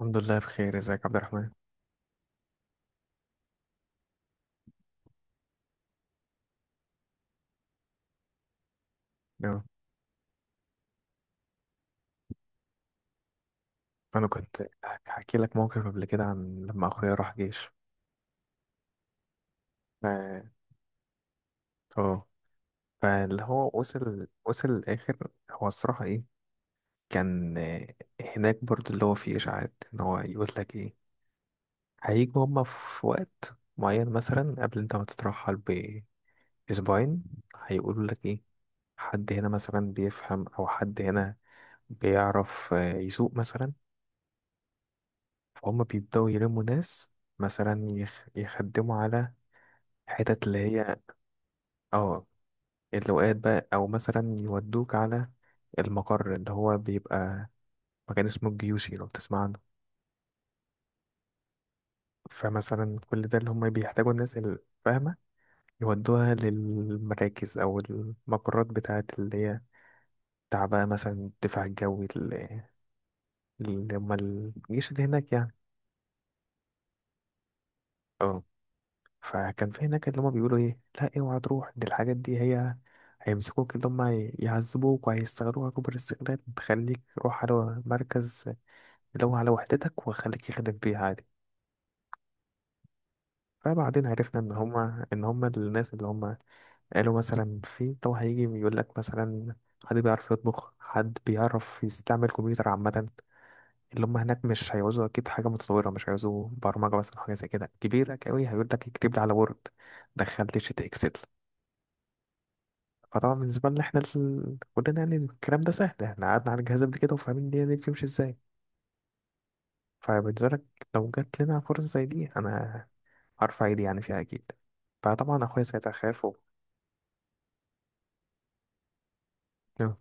الحمد لله بخير. ازيك يا عبد الرحمن؟ يو. انا كنت هحكي لك موقف قبل كده عن لما اخويا راح جيش. ف- اه فاللي هو وصل الاخر. هو الصراحه ايه كان. هناك برضو اللي هو فيه اشاعات ان هو يقول لك ايه: هيجوا هما في وقت معين مثلا قبل انت ما تترحل باسبوعين. هيقولوا لك ايه: حد هنا مثلا بيفهم او حد هنا بيعرف يسوق مثلا. فهم بيبدأوا يلموا ناس مثلا يخدموا على حتت اللي هي، اه اللواءات بقى، أو مثلا يودوك على المقر اللي هو بيبقى مكان اسمه الجيوشي، لو تسمع عنه. فمثلا كل ده اللي هم بيحتاجوا الناس الفاهمة يودوها للمراكز أو المقرات بتاعت اللي هي بتاع بقى مثلا الدفاع الجوي، اللي هم الجيش اللي هناك يعني. اه فكان في هناك اللي هما بيقولوا ايه: لا اوعى تروح. دي الحاجات دي هي هيمسكوك اللي هما، يعذبوك، وهيستغلوها كبر استغلال. تخليك روح على مركز اللي هو على وحدتك وخليك يخدم فيه عادي. فبعدين عرفنا ان هما الناس اللي هما قالوا مثلا: في لو هيجي يقول لك مثلا حد بيعرف يطبخ، حد بيعرف يستعمل كمبيوتر عامة. اللي هم هناك مش هيعوزوا أكيد حاجة متطورة، مش هيعوزوا برمجة مثلا، حاجة زي كده كبيرة أوي. هيقول لك: اكتب لي على وورد، دخل لي شيت إكسل. فطبعا بالنسبة لنا احنا كلنا يعني الكلام ده سهل. احنا قعدنا على الجهاز قبل كده وفاهمين الدنيا دي بتمشي ازاي. فبالنسبة لك، لو جات لنا فرصة زي دي، انا هرفع ايدي يعني فيها اكيد. فطبعا اخويا ساعتها خاف. آه.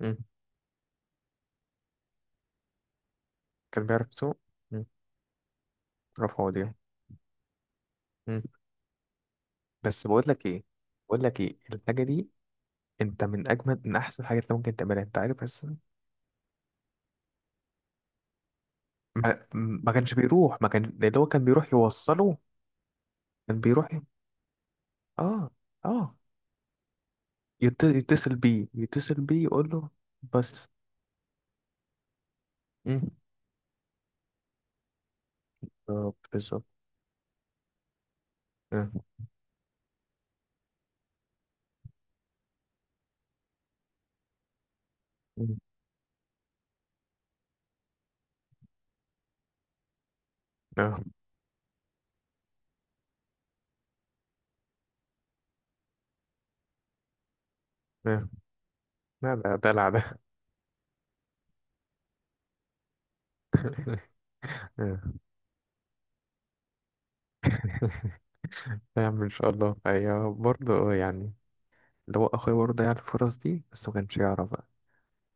مم. كان بيعرف يسوق. مم. رفع ايديه. مم. بس بقول لك ايه الحاجة دي انت من اجمل من احسن حاجات اللي ممكن تعملها، انت عارف، بس ما كانش بيروح. ما كان اللي هو كان بيروح يوصله. كان بيروح اه اه يتصل بيه يقول له. بس. مم. بالظبط بالظبط. اه. مم. اه. اه. لا، ده دلع ده. اه. نعم ان شاء الله هي برضه يعني اللي هو اخويا برضه ضيع الفرص دي، بس ما كانش يعرف بقى.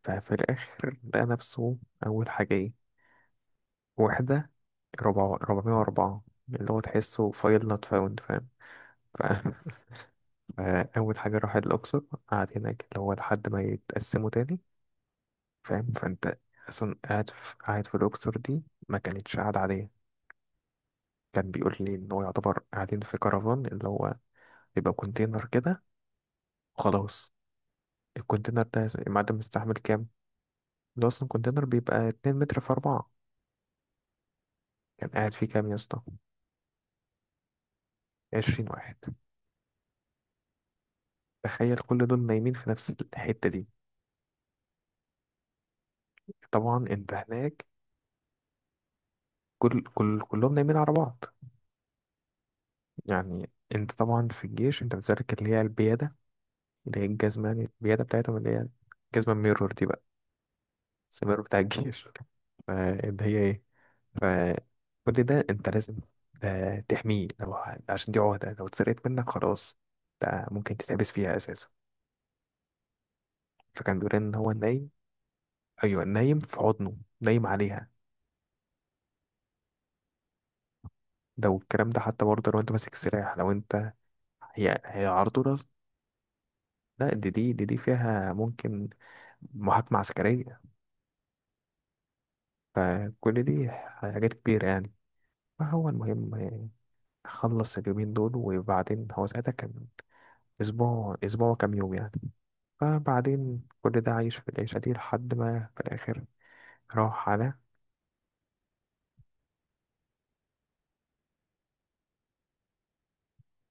ففي الاخر لقى نفسه اول حاجه ايه: واحده ربع 404، اللي هو تحسه فايل نوت فاوند، فاهم؟ ف- فاول حاجه راح الاقصر. قعد هناك اللي هو لحد ما يتقسموا تاني، فاهم؟ فانت اصلا قاعد في الاقصر دي ما كانتش قاعده عاديه. كان بيقول لي ان هو يعتبر قاعدين في كرفان، اللي هو بيبقى كونتينر كده وخلاص. الكونتينر ده المعدن مستحمل كام؟ اللي هو اصلا كونتينر بيبقى 2 متر في 4. كان قاعد فيه كام يا اسطى؟ 20 واحد. تخيل كل دول نايمين في نفس الحتة دي. طبعا انت هناك كل كل كلهم نايمين على بعض. يعني انت طبعا في الجيش انت بتشارك اللي هي البيادة، اللي هي الجزمة يعني، البيادة بتاعتهم اللي هي الجزمة الميرور دي بقى، السمير بتاع الجيش. فاللي هي ايه، فكل ده انت لازم تحميه. لو عشان دي عهدة، لو اتسرقت منك خلاص ده ممكن تتحبس فيها اساسا. فكان بيقول ان هو نايم. ايوه، نايم في حضنه، نايم عليها. لو الكلام ده حتى برضه، لو انت ماسك سلاح، لو انت هي على طول لا، دي فيها ممكن محاكمة عسكرية. فكل دي حاجات كبيرة يعني. فهو المهم خلص اليومين دول. وبعدين هو ساعتها كان أسبوع، أسبوع كام يوم يعني. فبعدين كل ده عايش في العيشة دي لحد ما في الآخر راح على،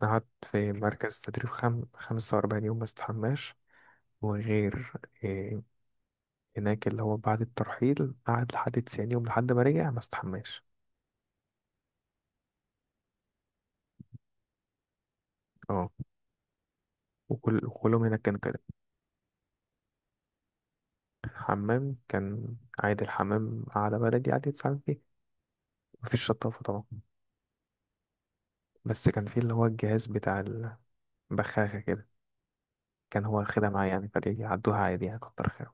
قعد في مركز تدريب 45 يوم ما استحماش. وغير إيه هناك اللي هو بعد الترحيل قعد لحد 90 يوم، لحد ما رجع ما استحماش. اه وكلهم هناك كان كده. حمام كان عادي. الحمام قعدة بلدي عادي تتعامل فيه، مفيش شطافة طبعا. بس كان فيه اللي هو الجهاز بتاع البخاخة كده، كان هو واخدها معاه يعني، فدي عدوها عادي يعني، كتر خير.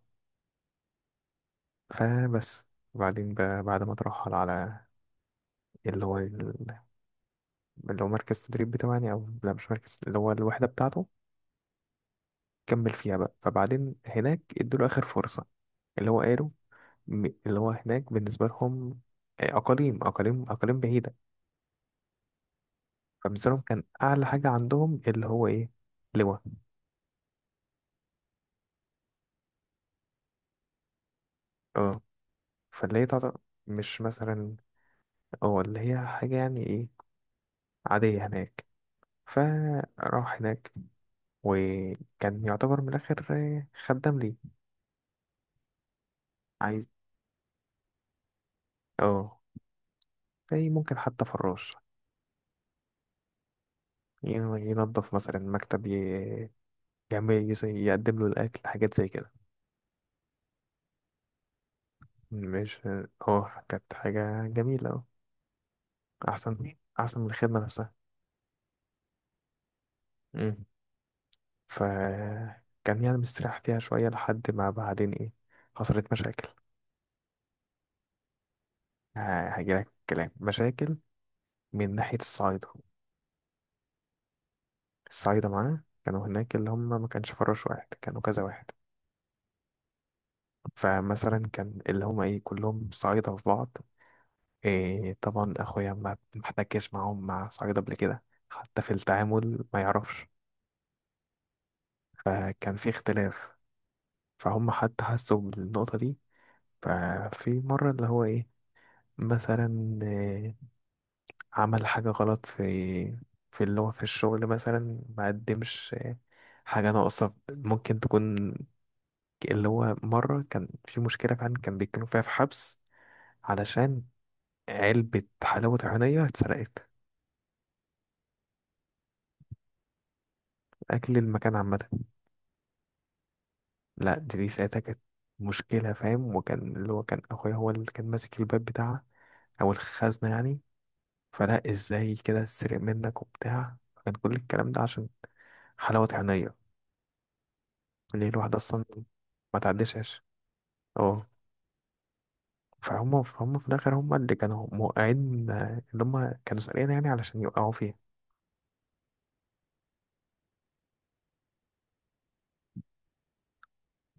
فبس. وبعدين بقى بعد ما اترحل على اللي هو اللي هو مركز التدريب بتاعه يعني، او لا مش مركز، اللي هو الوحدة بتاعته. كمل فيها بقى. فبعدين هناك ادوله اخر فرصة. اللي هو قالوا، اللي هو هناك بالنسبة لهم اقاليم اقاليم اقاليم بعيدة. فبالنسبة لهم كان اعلى حاجة عندهم اللي هو ايه: لواء. اه فاللي هي تعتبر مش مثلا، اه اللي هي حاجة يعني ايه، عادية هناك. فراح هناك. وكان يعتبر من الآخر خدام ليه. عايز اه زي ممكن حتى فراش، ينظف مثلا مكتب، يعمل، يقدم له الأكل، حاجات زي كده. مش. اه كانت حاجة جميلة، اه، أحسن أحسن من الخدمة نفسها. مم. ف كان يعني مستريح فيها شوية لحد ما بعدين ايه: حصلت مشاكل. هجيلك كلام مشاكل من ناحية الصعايدة. الصعايدة معانا كانوا هناك اللي هم ما كانش فراش واحد، كانوا كذا واحد. فمثلا كان اللي هم ايه كلهم صعايدة في بعض. طبعا اخويا ما احتكش معاهم، مع صعيد قبل كده حتى في التعامل ما يعرفش. فكان في اختلاف. فهم حتى حسوا بالنقطة دي. ففي مرة اللي هو ايه، مثلا عمل حاجة غلط في، اللي هو في الشغل مثلا ما قدمش حاجة ناقصة ممكن تكون. اللي هو مرة كان في مشكلة فعلا كان بيتكلموا فيها في حبس علشان علبة حلاوة طحينية اتسرقت. أكل المكان عامة. لا، دي ساعتها كانت مشكلة، فاهم؟ وكان اللي هو كان أخويا هو اللي كان ماسك الباب بتاعها، أو الخزنة يعني. فلا إزاي كده تسرق منك وبتاع. كان كل الكلام ده عشان حلاوة عينيا. اللي هي الواحدة أصلا ما تعدشهاش. اه فهم في الآخر هم اللي كانوا موقعين، اللي هم كانوا سارقين يعني علشان يوقعوا فيها.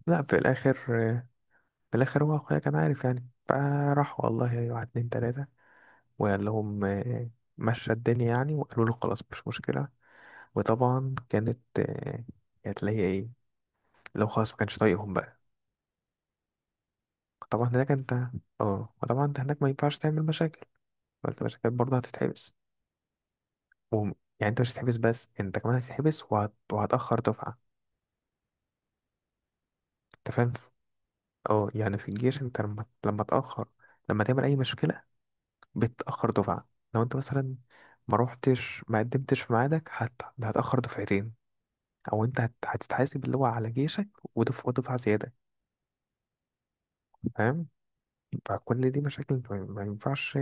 لا، آه، في الآخر هو أخويا كان عارف يعني. فراح والله واحد اتنين تلاتة وقال لهم، مشى الدنيا يعني. وقالوا له خلاص، مش مشكلة. وطبعا كانت اللي هي ايه، لو خلاص ما كانش طايقهم بقى. طبعا هناك انت، اه وطبعا انت هناك ما ينفعش تعمل مشاكل. قلت مشاكل برضه هتتحبس. وهم- يعني انت مش هتتحبس بس، انت كمان هتتحبس وهتأخر دفعة. انت فاهم؟ اه يعني في الجيش انت لما تأخر، لما تعمل اي مشكلة، بتأخر دفعة. لو انت مثلا ما روحتش، ما قدمتش في ميعادك، هتأخر دفعتين. او انت هتتحاسب اللي هو على جيشك ودفعة زيادة. فاهم؟ فكل دي مشاكل ما ينفعش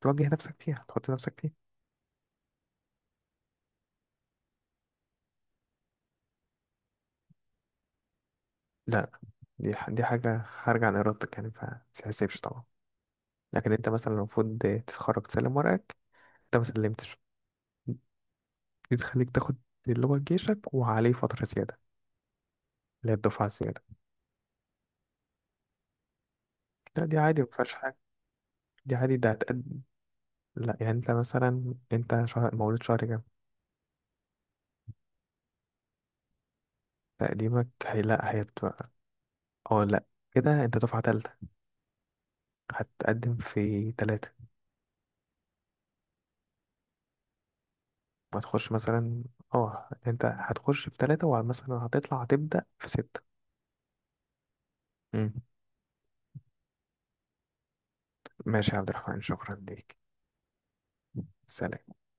تواجه نفسك فيها، تحط نفسك فيها. لا، دي حاجة خارجة عن إرادتك يعني فمتتحسبش طبعا. لكن أنت مثلا المفروض تتخرج، تسلم ورقك. أنت ما سلمتش. دي تخليك تاخد اللي هو جيشك وعليه فترة زيادة، اللي هي الدفعة الزيادة. لا، دي عادي، ما فيهاش حاجة. دي عادي ده هتقد. لا يعني أنت مثلا، أنت شهر مولود شهر كام؟ تقديمك هي، لا، هيبقى، أو لا، كده أنت دفعة تالتة. هتقدم في تلاتة. وهتخش مثلا، اه انت هتخش في ثلاثة ومثلا هتطلع، هتبدأ في ستة. مم. ماشي يا عبد الرحمن، شكرا ليك. سلام.